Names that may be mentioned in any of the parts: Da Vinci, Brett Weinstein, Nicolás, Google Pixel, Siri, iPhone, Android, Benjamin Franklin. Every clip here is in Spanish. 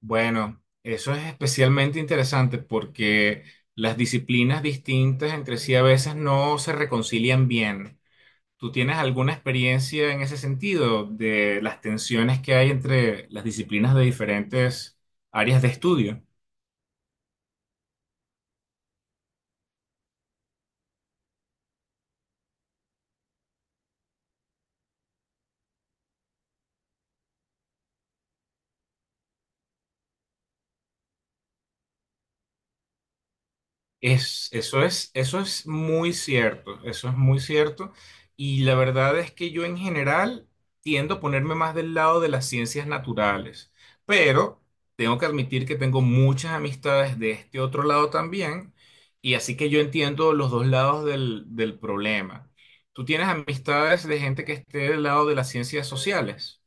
Bueno, eso es especialmente interesante porque las disciplinas distintas entre sí a veces no se reconcilian bien. ¿Tú tienes alguna experiencia en ese sentido de las tensiones que hay entre las disciplinas de diferentes áreas de estudio? Eso es muy cierto, eso es muy cierto. Y la verdad es que yo en general tiendo a ponerme más del lado de las ciencias naturales, pero tengo que admitir que tengo muchas amistades de este otro lado también, y así que yo entiendo los dos lados del problema. ¿Tú tienes amistades de gente que esté del lado de las ciencias sociales?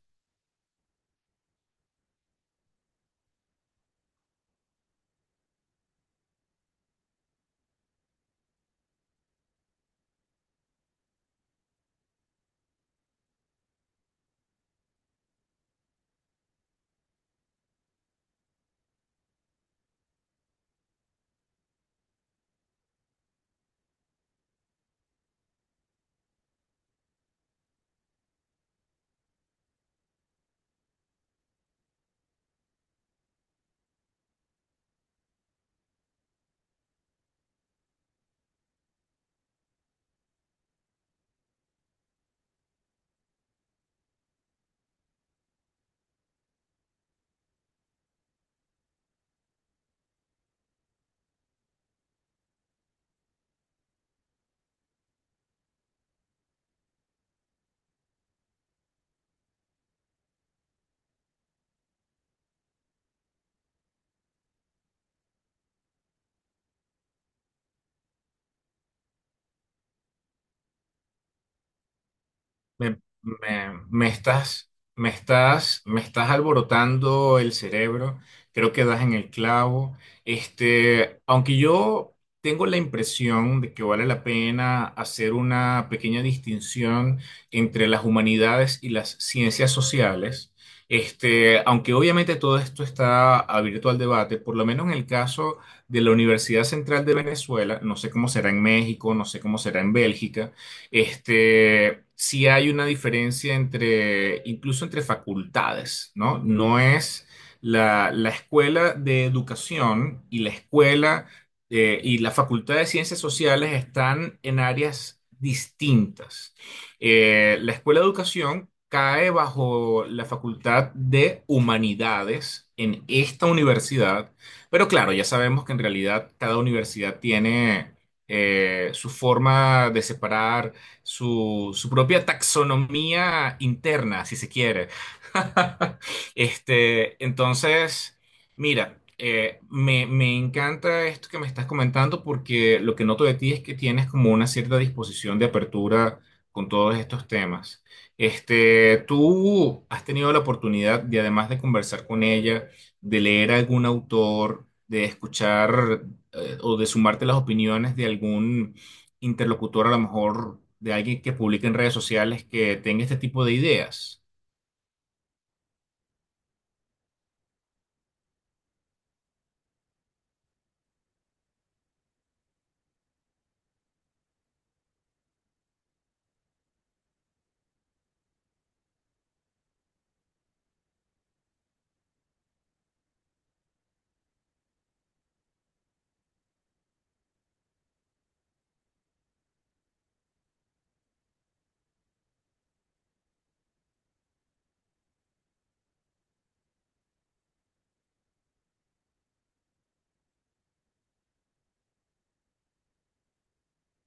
Me, me- me estás, me estás alborotando el cerebro. Creo que das en el clavo. Aunque yo tengo la impresión de que vale la pena hacer una pequeña distinción entre las humanidades y las ciencias sociales. Aunque obviamente todo esto está abierto al debate, por lo menos en el caso de la Universidad Central de Venezuela, no sé cómo será en México, no sé cómo será en Bélgica. Sí hay una diferencia entre, incluso entre facultades, ¿no? No es la escuela de educación y la escuela y la facultad de ciencias sociales están en áreas distintas. La escuela de educación cae bajo la facultad de humanidades en esta universidad, pero claro, ya sabemos que en realidad cada universidad tiene su forma de separar su propia taxonomía interna, si se quiere. Este, entonces, mira, me encanta esto que me estás comentando porque lo que noto de ti es que tienes como una cierta disposición de apertura con todos estos temas. ¿Tú has tenido la oportunidad de, además de conversar con ella, de leer algún autor, de escuchar o de sumarte las opiniones de algún interlocutor a lo mejor de alguien que publique en redes sociales que tenga este tipo de ideas?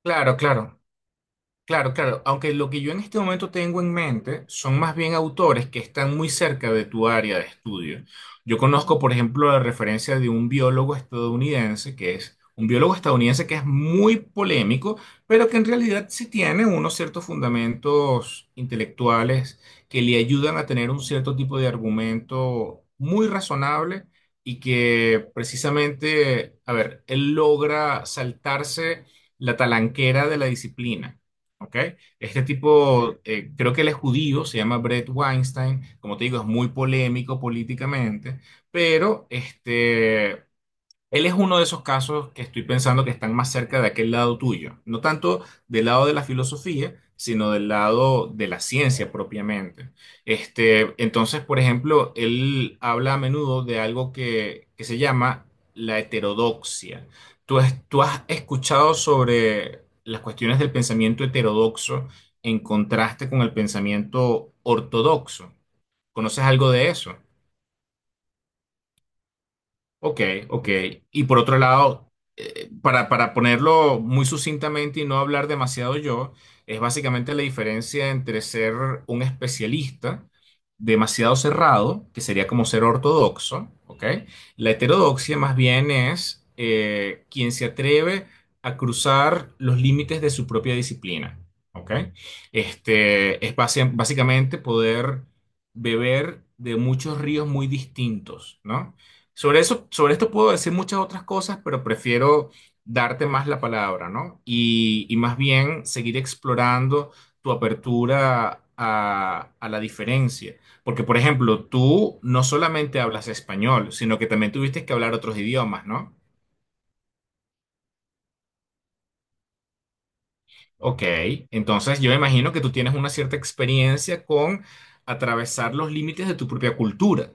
Claro, claro. Claro, claro, aunque lo que yo en este momento tengo en mente son más bien autores que están muy cerca de tu área de estudio. Yo conozco, por ejemplo, la referencia de un biólogo estadounidense que es un biólogo estadounidense que es muy polémico, pero que en realidad sí tiene unos ciertos fundamentos intelectuales que le ayudan a tener un cierto tipo de argumento muy razonable y que precisamente, a ver, él logra saltarse la talanquera de la disciplina. ¿Ok? Este tipo, creo que él es judío, se llama Brett Weinstein, como te digo, es muy polémico políticamente, pero él es uno de esos casos que estoy pensando que están más cerca de aquel lado tuyo, no tanto del lado de la filosofía, sino del lado de la ciencia propiamente. Por ejemplo, él habla a menudo de algo que se llama la heterodoxia. ¿ Tú has escuchado sobre las cuestiones del pensamiento heterodoxo en contraste con el pensamiento ortodoxo? ¿Conoces algo de eso? Ok, ok. Y por otro lado, para ponerlo muy sucintamente y no hablar demasiado yo, es básicamente la diferencia entre ser un especialista demasiado cerrado, que sería como ser ortodoxo, ¿ok? La heterodoxia más bien es quien se atreve a cruzar los límites de su propia disciplina, ¿ok? Básicamente poder beber de muchos ríos muy distintos, ¿no? Sobre eso, sobre esto puedo decir muchas otras cosas, pero prefiero darte más la palabra, ¿no? Y más bien seguir explorando tu apertura a la diferencia. Porque, por ejemplo, tú no solamente hablas español, sino que también tuviste que hablar otros idiomas, ¿no? Ok, entonces yo me imagino que tú tienes una cierta experiencia con atravesar los límites de tu propia cultura.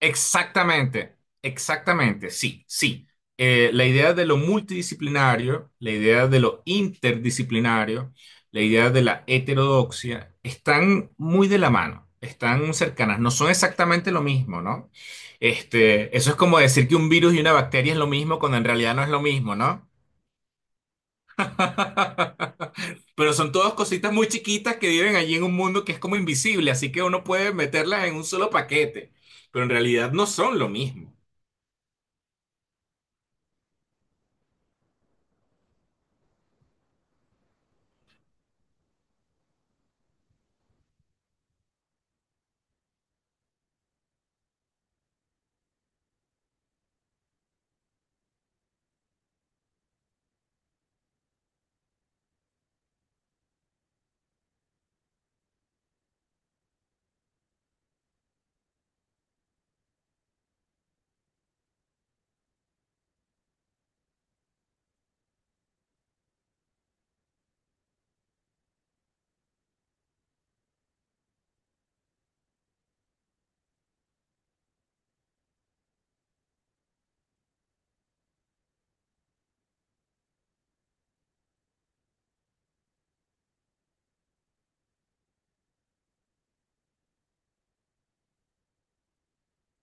Exactamente, exactamente, sí, sí. La idea de lo multidisciplinario, la idea de lo interdisciplinario, la idea de la heterodoxia, están muy de la mano, están cercanas, no son exactamente lo mismo, ¿no? Eso es como decir que un virus y una bacteria es lo mismo cuando en realidad no es lo mismo, ¿no? Pero son todas cositas muy chiquitas que viven allí en un mundo que es como invisible, así que uno puede meterlas en un solo paquete, pero en realidad no son lo mismo.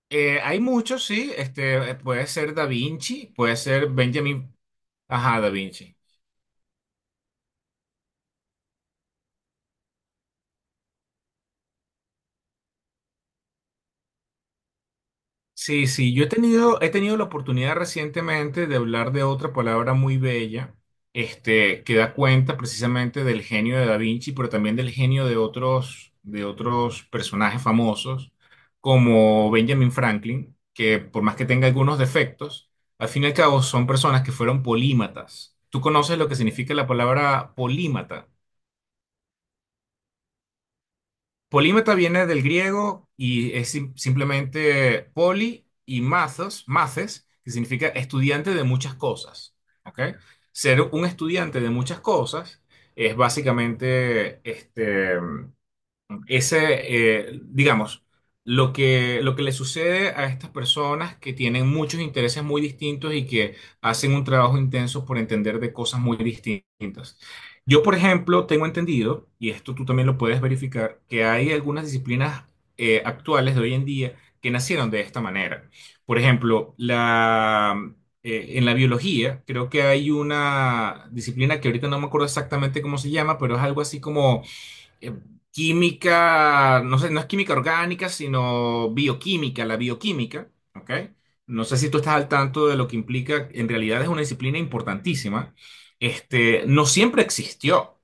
Hay muchos, sí. Puede ser Da Vinci, puede ser Benjamin. Ajá, Da Vinci. Sí, sí. Yo he tenido la oportunidad recientemente de hablar de otra palabra muy bella, que da cuenta precisamente del genio de Da Vinci, pero también del genio de otros personajes famosos, como Benjamin Franklin, que por más que tenga algunos defectos, al fin y al cabo son personas que fueron polímatas. ¿Tú conoces lo que significa la palabra polímata? Polímata viene del griego y es simplemente poli y mazos, maces, que significa estudiante de muchas cosas. ¿Ok? Ser un estudiante de muchas cosas es básicamente digamos, lo que le sucede a estas personas que tienen muchos intereses muy distintos y que hacen un trabajo intenso por entender de cosas muy distintas. Yo, por ejemplo, tengo entendido, y esto tú también lo puedes verificar, que hay algunas disciplinas actuales de hoy en día que nacieron de esta manera. Por ejemplo, en la biología, creo que hay una disciplina que ahorita no me acuerdo exactamente cómo se llama, pero es algo así como eh, química, no sé, no es química orgánica, sino bioquímica, la bioquímica, ¿ok? No sé si tú estás al tanto de lo que implica, en realidad es una disciplina importantísima. No siempre existió.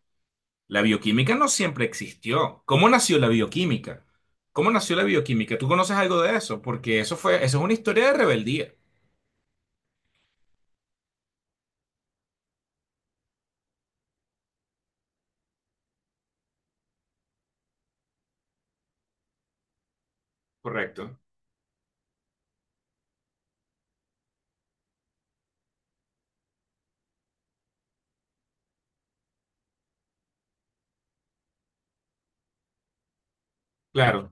La bioquímica no siempre existió. ¿Cómo nació la bioquímica? ¿Cómo nació la bioquímica? ¿Tú conoces algo de eso? Porque eso fue, eso es una historia de rebeldía. Correcto. Claro,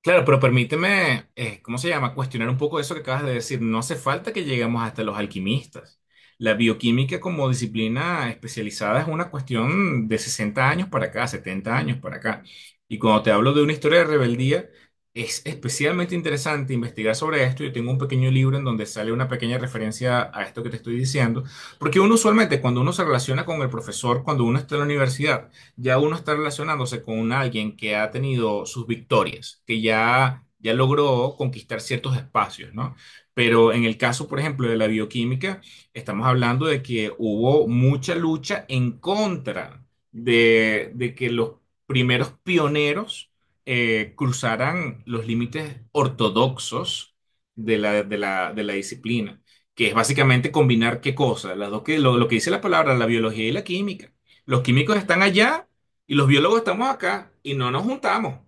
claro, pero permíteme, ¿cómo se llama? Cuestionar un poco eso que acabas de decir. No hace falta que lleguemos hasta los alquimistas. La bioquímica como disciplina especializada es una cuestión de 60 años para acá, 70 años para acá. Y cuando te hablo de una historia de rebeldía, es especialmente interesante investigar sobre esto. Yo tengo un pequeño libro en donde sale una pequeña referencia a esto que te estoy diciendo, porque uno usualmente cuando uno se relaciona con el profesor, cuando uno está en la universidad, ya uno está relacionándose con alguien que ha tenido sus victorias, que ya, ya logró conquistar ciertos espacios, ¿no? Pero en el caso, por ejemplo, de la bioquímica, estamos hablando de que hubo mucha lucha en contra de que los primeros pioneros cruzaran los límites ortodoxos de de la disciplina, que es básicamente combinar qué cosas las dos lo que dice la palabra, la biología y la química. Los químicos están allá y los biólogos estamos acá y no nos juntamos.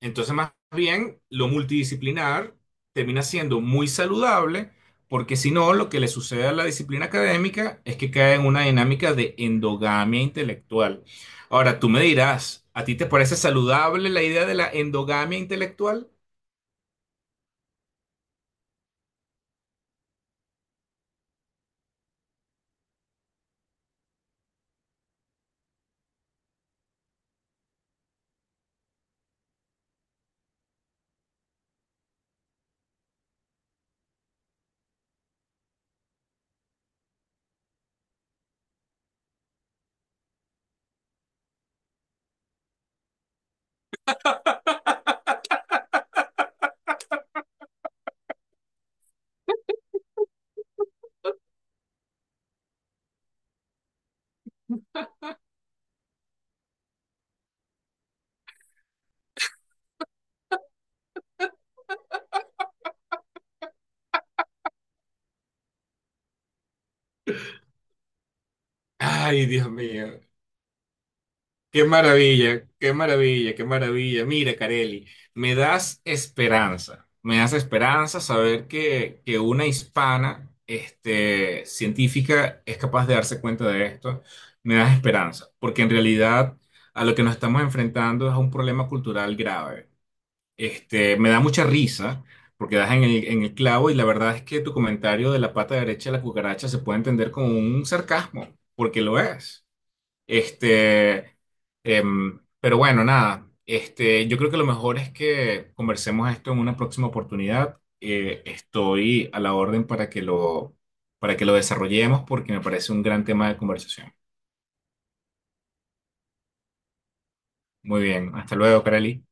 Entonces, más bien, lo multidisciplinar termina siendo muy saludable, porque si no, lo que le sucede a la disciplina académica es que cae en una dinámica de endogamia intelectual. Ahora, tú me dirás, ¿a ti te parece saludable la idea de la endogamia intelectual? Ay, Dios mío. Qué maravilla, qué maravilla, qué maravilla. Mira, Careli, me das esperanza saber que una hispana, científica es capaz de darse cuenta de esto. Me das esperanza, porque en realidad a lo que nos estamos enfrentando es a un problema cultural grave. Me da mucha risa, porque das en en el clavo y la verdad es que tu comentario de la pata derecha de la cucaracha se puede entender como un sarcasmo, porque lo es. Este, pero bueno, nada. Yo creo que lo mejor es que conversemos esto en una próxima oportunidad. Estoy a la orden para que lo desarrollemos porque me parece un gran tema de conversación. Muy bien, hasta luego, Kareli.